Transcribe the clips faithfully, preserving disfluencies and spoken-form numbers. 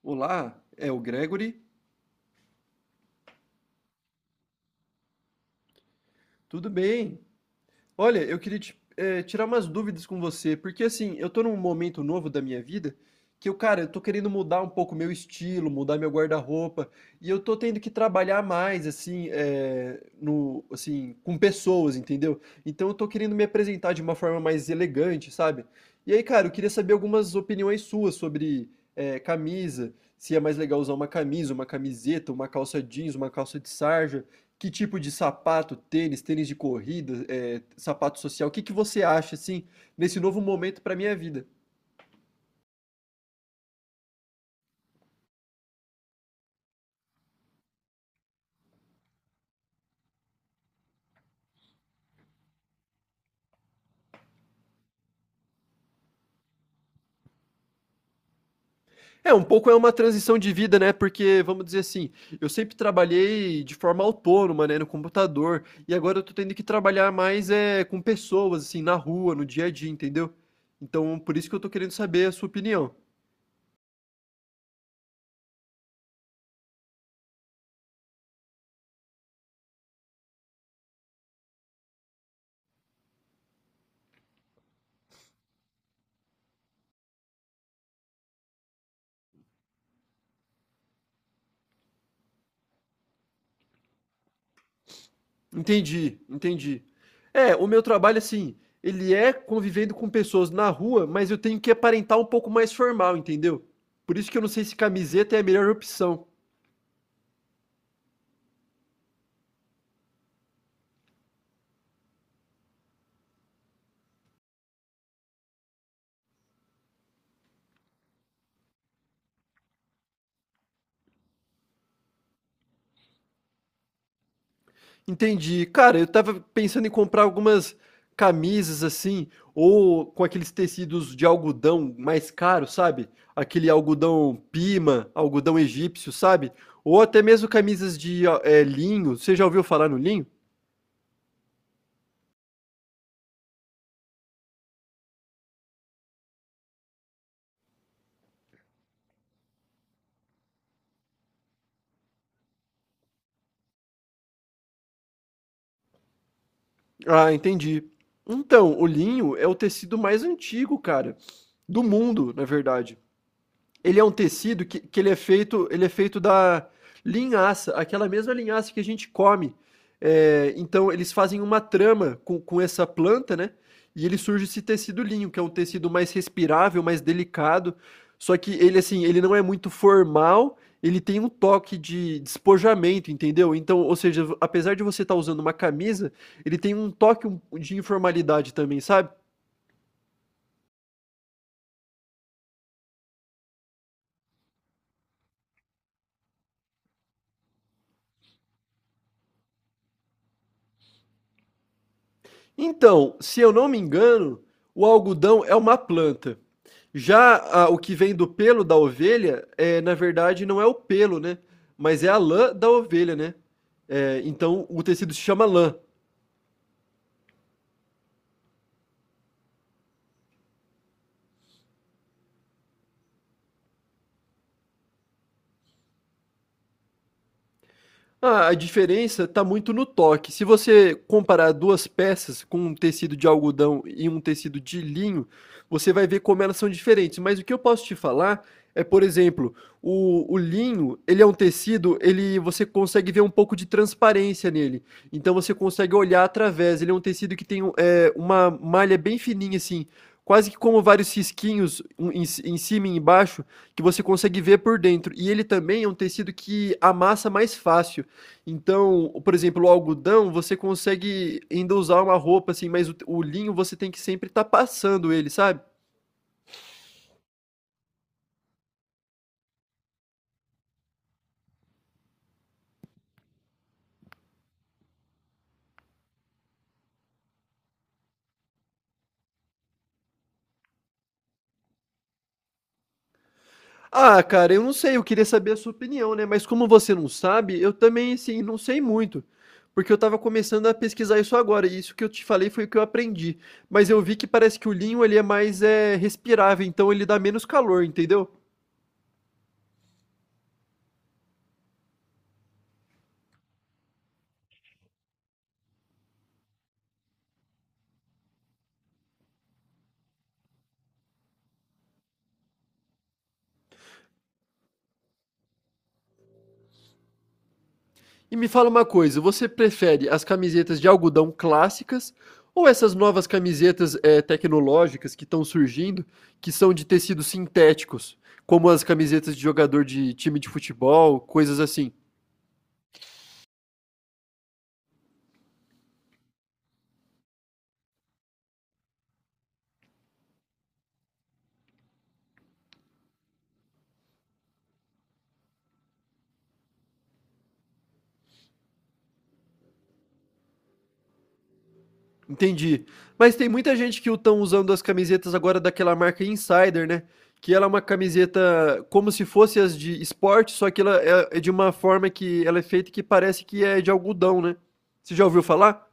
Olá, é o Gregory? Tudo bem? Olha, eu queria te- eh, tirar umas dúvidas com você, porque assim, eu tô num momento novo da minha vida que eu, cara, eu tô querendo mudar um pouco meu estilo, mudar meu guarda-roupa, e eu tô tendo que trabalhar mais, assim, eh, no, assim, com pessoas, entendeu? Então eu tô querendo me apresentar de uma forma mais elegante, sabe? E aí, cara, eu queria saber algumas opiniões suas sobre, eh, camisa, se é mais legal usar uma camisa, uma camiseta, uma calça jeans, uma calça de sarja. Que tipo de sapato, tênis, tênis de corrida, eh, sapato social, o que que você acha, assim, nesse novo momento para minha vida? É, um pouco é uma transição de vida, né, porque, vamos dizer assim, eu sempre trabalhei de forma autônoma, né, no computador, e agora eu tô tendo que trabalhar mais é, com pessoas, assim, na rua, no dia a dia, entendeu? Então, por isso que eu tô querendo saber a sua opinião. Entendi, entendi. É, o meu trabalho, assim, ele é convivendo com pessoas na rua, mas eu tenho que aparentar um pouco mais formal, entendeu? Por isso que eu não sei se camiseta é a melhor opção. Entendi. Cara, eu tava pensando em comprar algumas camisas assim, ou com aqueles tecidos de algodão mais caro, sabe? Aquele algodão pima, algodão egípcio, sabe? Ou até mesmo camisas de ó, é, linho. Você já ouviu falar no linho? Ah, entendi. Então, o linho é o tecido mais antigo, cara, do mundo, na verdade. Ele é um tecido que, que ele é feito, ele é feito da linhaça, aquela mesma linhaça que a gente come. É, então eles fazem uma trama com, com essa planta, né? E ele surge esse tecido linho, que é um tecido mais respirável, mais delicado. Só que ele assim, ele não é muito formal, ele tem um toque de despojamento, entendeu? Então, ou seja, apesar de você estar usando uma camisa, ele tem um toque um- de informalidade também, sabe? Então, se eu não me engano, o algodão é uma planta. Já ah, o que vem do pelo da ovelha, é, na verdade, não é o pelo, né? Mas é a lã da ovelha, né? É, então, o tecido se chama lã. Ah, a diferença está muito no toque. Se você comparar duas peças com um tecido de algodão e um tecido de linho, você vai ver como elas são diferentes. Mas o que eu posso te falar é, por exemplo, o, o linho, ele é um tecido, ele você consegue ver um pouco de transparência nele. Então você consegue olhar através. Ele é um tecido que tem é, uma malha bem fininha assim. Quase que como vários risquinhos um em, ci- em cima e embaixo, que você consegue ver por dentro. E ele também é um tecido que amassa mais fácil. Então, por exemplo, o algodão, você consegue ainda usar uma roupa assim, mas o, o linho você tem que sempre estar passando ele, sabe? Ah, cara, eu não sei, eu queria saber a sua opinião, né? Mas como você não sabe, eu também, assim, não sei muito. Porque eu tava começando a pesquisar isso agora, e isso que eu te falei foi o que eu aprendi. Mas eu vi que parece que o linho ele é mais é, respirável, então ele dá menos calor, entendeu? E me fala uma coisa, você prefere as camisetas de algodão clássicas ou essas novas camisetas eh, tecnológicas que estão surgindo, que são de tecidos sintéticos, como as camisetas de jogador de time de futebol, coisas assim? Entendi. Mas tem muita gente que estão usando as camisetas agora daquela marca Insider, né? Que ela é uma camiseta como se fosse as de esporte, só que ela é é de uma forma que ela é feita que parece que é de algodão, né? Você já ouviu falar?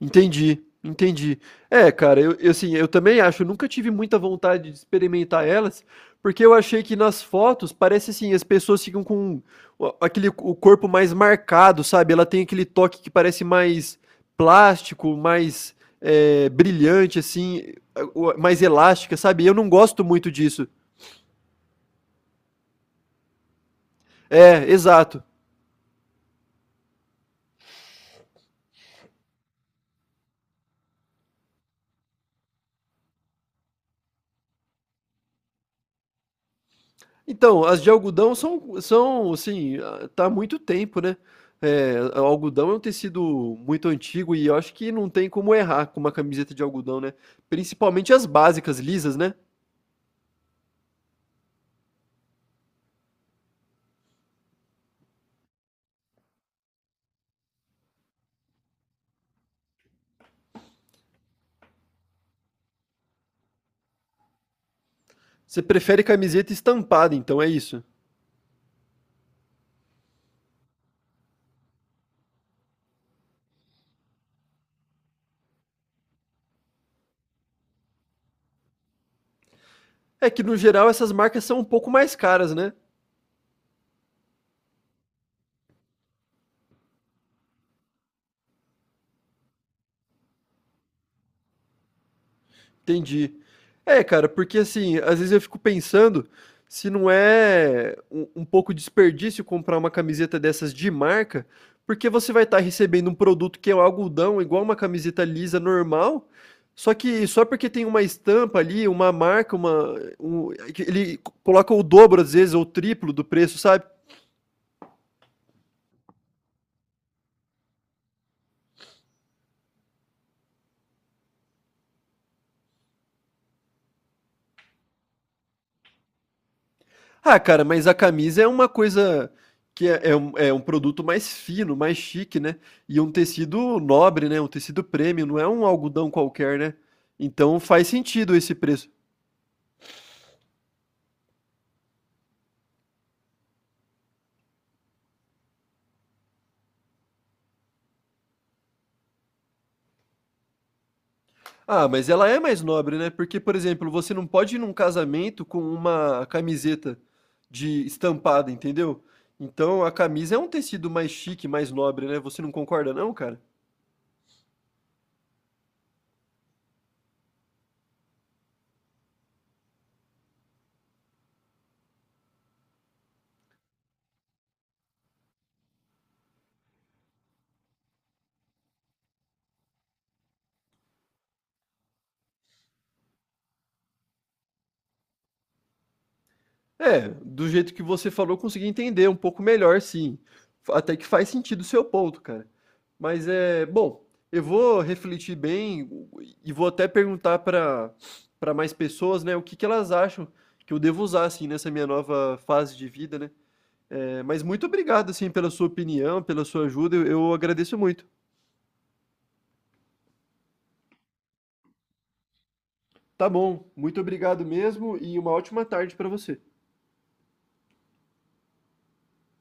Entendi, entendi. É, cara, eu eu, assim, eu também acho, eu nunca tive muita vontade de experimentar elas, porque eu achei que nas fotos parece assim, as pessoas ficam com o aquele o corpo mais marcado, sabe, ela tem aquele toque que parece mais plástico, mais, eh, brilhante, assim, o mais elástica, sabe, e eu não gosto muito disso. É, exato. Então, as de algodão são são, assim, ah, tá há muito tempo, né. Eh, o algodão é um tecido muito antigo e eu acho que não tem como errar com uma camiseta de algodão, né. Principalmente as básicas lisas, né. Você prefere camiseta estampada então, é isso? É que no geral essas marcas são um pouco mais caras, né. Entendi. É, cara, porque assim, às vezes eu fico pensando se não é um, um pouco desperdício comprar uma camiseta dessas de marca, porque você vai estar recebendo um produto que é um algodão, igual uma camiseta lisa normal, só que só porque tem uma estampa ali, uma marca, uma, um- ele coloca o dobro às vezes, ou o triplo do preço, sabe? Ah, cara, mas a camisa é uma coisa que é, é um, é um produto mais fino, mais chique, né? E um tecido nobre, né? Um tecido premium, não é um algodão qualquer, né? Então faz sentido esse preço. Ah, mas ela é mais nobre, né? Porque, por exemplo, você não pode ir num casamento com uma camiseta de estampada, entendeu? Então a camisa é um tecido mais chique, mais nobre, né? Você não concorda, não, cara? É, do jeito que você falou, eu consegui entender um pouco melhor, sim. Até que faz sentido o seu ponto, cara. Mas é, bom, eu vou refletir bem e vou até perguntar para para mais pessoas, né, o que que elas acham que eu devo usar assim nessa minha nova fase de vida, né? É, mas muito obrigado assim pela sua opinião, pela sua ajuda, eu, eu agradeço muito. Tá bom, muito obrigado mesmo e uma ótima tarde para você.